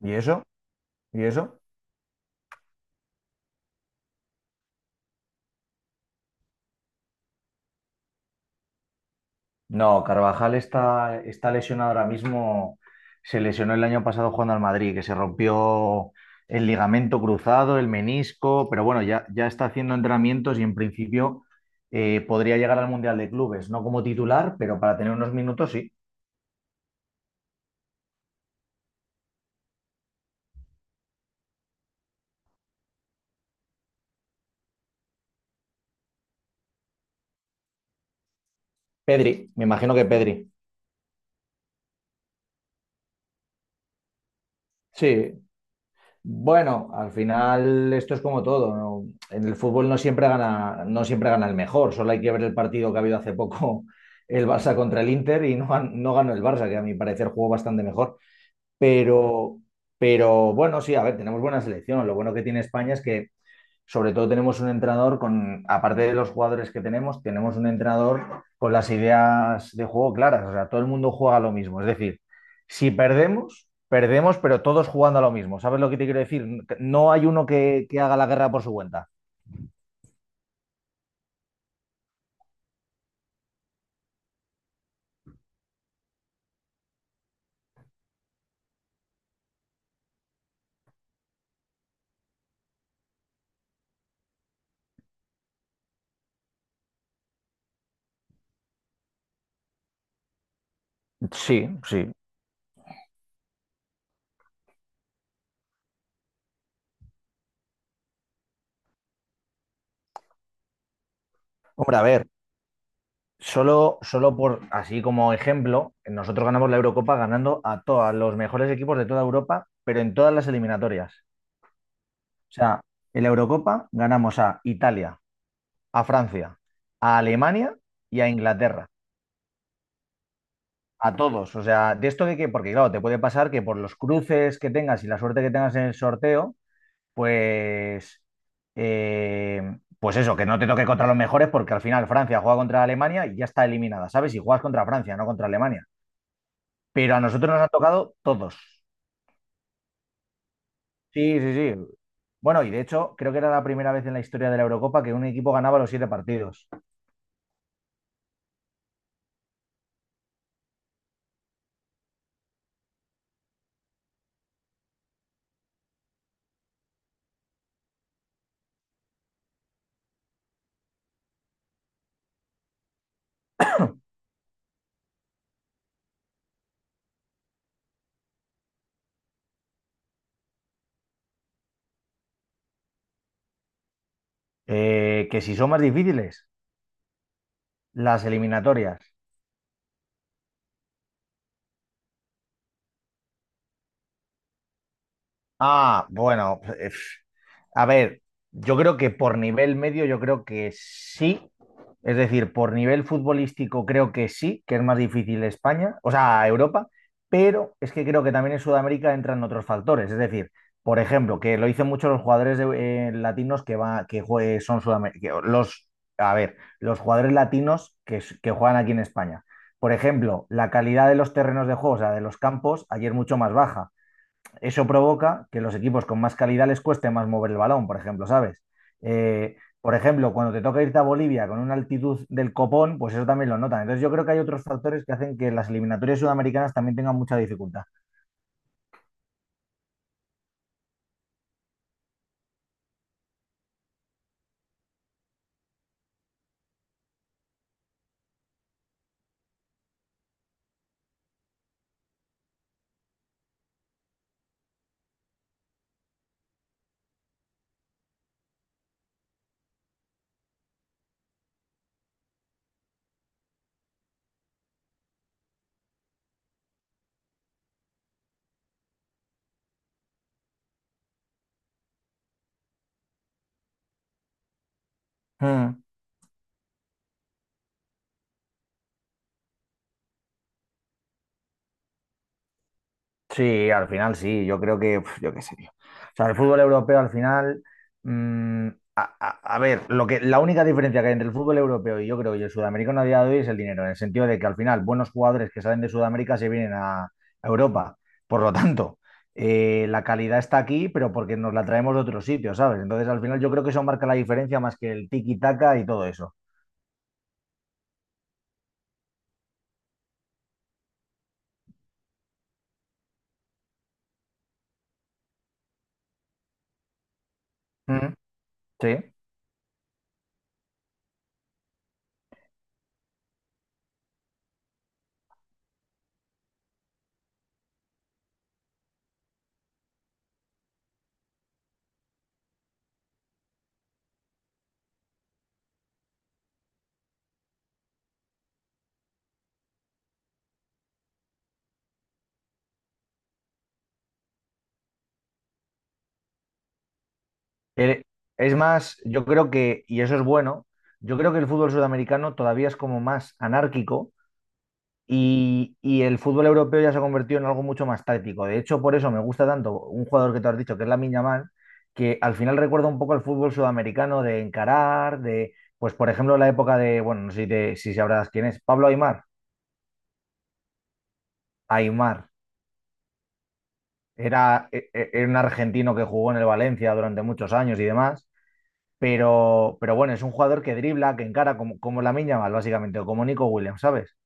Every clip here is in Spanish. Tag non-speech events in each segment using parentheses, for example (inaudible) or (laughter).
¿Y eso? ¿Y eso? No, Carvajal está, está lesionado ahora mismo. Se lesionó el año pasado jugando al Madrid, que se rompió el ligamento cruzado, el menisco, pero bueno, ya, ya está haciendo entrenamientos y en principio podría llegar al Mundial de Clubes, no como titular, pero para tener unos minutos sí. Pedri, me imagino que Pedri. Sí. Bueno, al final esto es como todo, ¿no? En el fútbol no siempre gana, no siempre gana el mejor, solo hay que ver el partido que ha habido hace poco (laughs) el Barça contra el Inter y no, no ganó el Barça, que a mi parecer jugó bastante mejor, pero, pero bueno, sí, a ver, tenemos buena selección. Lo bueno que tiene España es que sobre todo tenemos un entrenador con, aparte de los jugadores que tenemos, tenemos un entrenador con las ideas de juego claras. O sea, todo el mundo juega lo mismo. Es decir, si perdemos, perdemos, pero todos jugando a lo mismo. ¿Sabes lo que te quiero decir? No hay uno que haga la guerra por su cuenta. Sí, sí. Hombre, a ver, solo por, así como ejemplo, nosotros ganamos la Eurocopa ganando a todos los mejores equipos de toda Europa, pero en todas las eliminatorias. O sea, en la Eurocopa ganamos a Italia, a Francia, a Alemania y a Inglaterra. A todos. O sea, de esto de que, porque claro, te puede pasar que por los cruces que tengas y la suerte que tengas en el sorteo, pues, pues eso, que no te toque contra los mejores, porque al final Francia juega contra Alemania y ya está eliminada, ¿sabes? Y juegas contra Francia, no contra Alemania. Pero a nosotros nos han tocado todos. Sí, sí, sí. Bueno, y de hecho, creo que era la primera vez en la historia de la Eurocopa que un equipo ganaba los siete partidos. Que si son más difíciles, las eliminatorias. Ah, bueno, a ver, yo creo que por nivel medio, yo creo que sí. Es decir, por nivel futbolístico creo que sí, que es más difícil España, o sea, Europa, pero es que creo que también en Sudamérica entran otros factores. Es decir, por ejemplo, que lo dicen muchos los jugadores latinos que, va, son sudamericanos. Los, a ver, los jugadores latinos que, que juegan aquí en España. Por ejemplo, la calidad de los terrenos de juego, o sea, de los campos, ayer mucho más baja, eso provoca que los equipos con más calidad les cueste más mover el balón, por ejemplo, ¿sabes? Por ejemplo, cuando te toca irte a Bolivia con una altitud del copón, pues eso también lo notan. Entonces yo creo que hay otros factores que hacen que las eliminatorias sudamericanas también tengan mucha dificultad. Mm. Sí, al final sí, yo creo que, uf, yo qué sé, tío. O sea, el fútbol europeo al final, mm, a ver, lo que, la única diferencia que hay entre el fútbol europeo y yo creo y el sudamericano a día de hoy es el dinero, en el sentido de que al final buenos jugadores que salen de Sudamérica se vienen a Europa. Por lo tanto, la calidad está aquí, pero porque nos la traemos de otro sitio, ¿sabes? Entonces, al final yo creo que eso marca la diferencia más que el tiki-taka y todo eso. Ujú. Sí. Eh, es más, yo creo que, y eso es bueno, yo creo que el fútbol sudamericano todavía es como más anárquico y el fútbol europeo ya se ha convertido en algo mucho más táctico. De hecho, por eso me gusta tanto un jugador que tú has dicho, que es Lamine Yamal, que al final recuerda un poco al fútbol sudamericano de encarar, de, pues por ejemplo, la época de, bueno, no sé si, si sabrás quién es, Pablo Aimar. Aimar era, era un argentino que jugó en el Valencia durante muchos años y demás. Pero bueno, es un jugador que dribla, que encara como, como Lamine Yamal, básicamente, o como Nico Williams, ¿sabes?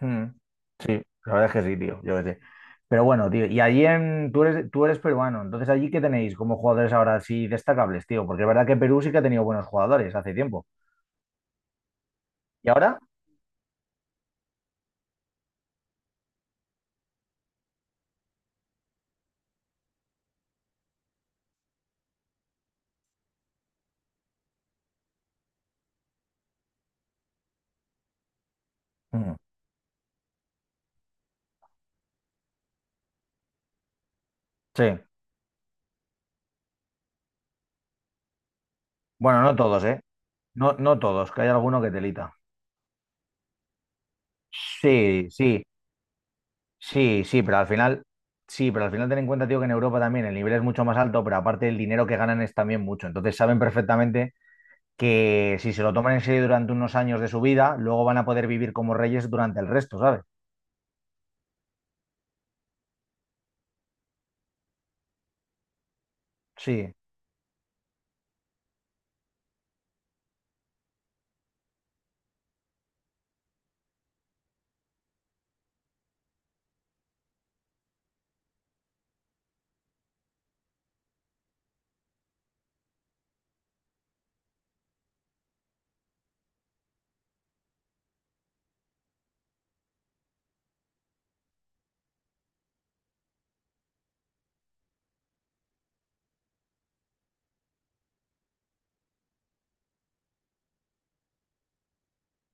Mm. Sí, la verdad es que sí, tío, yo qué sé. Pero bueno, tío, y allí en, tú eres peruano, entonces allí, ¿qué tenéis como jugadores ahora así destacables, tío? Porque es verdad que Perú sí que ha tenido buenos jugadores hace tiempo. ¿Y ahora? Mm. Sí. Bueno, no todos, ¿eh? No, no todos, que hay alguno que telita. Sí, sí. Sí, sí, pero al final, sí, pero al final ten en cuenta, tío, que en Europa también el nivel es mucho más alto, pero aparte el dinero que ganan es también mucho. Entonces saben perfectamente que si se lo toman en serio durante unos años de su vida, luego van a poder vivir como reyes durante el resto, ¿sabes? Sí,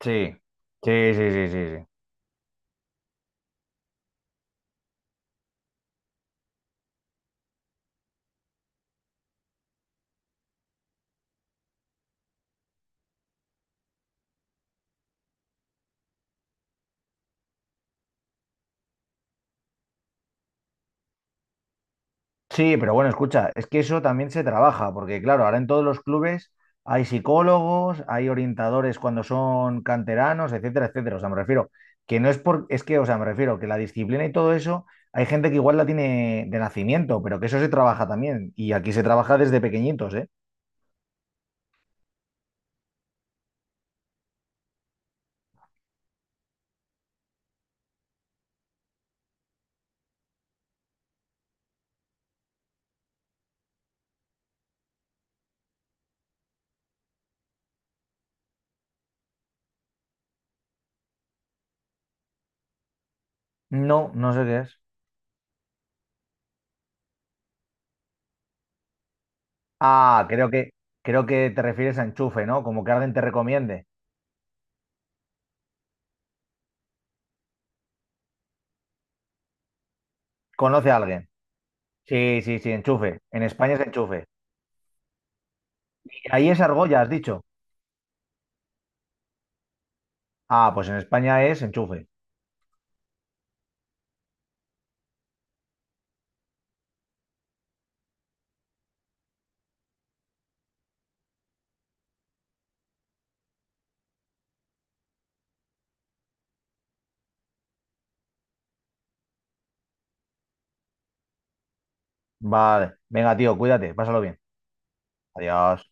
sí, sí, sí, sí, sí, sí. Sí, pero bueno, escucha, es que eso también se trabaja, porque claro, ahora en todos los clubes hay psicólogos, hay orientadores cuando son canteranos, etcétera, etcétera. O sea, me refiero que no es por, es que, o sea, me refiero que la disciplina y todo eso, hay gente que igual la tiene de nacimiento, pero que eso se trabaja también. Y aquí se trabaja desde pequeñitos, ¿eh? No, no sé qué es. Ah, creo que te refieres a enchufe, ¿no? Como que alguien te recomiende. ¿Conoce a alguien? Sí, sí, sí, enchufe. En España es enchufe. Ahí es argolla, has dicho. Ah, pues en España es enchufe. Vale. Venga, tío, cuídate. Pásalo bien. Adiós.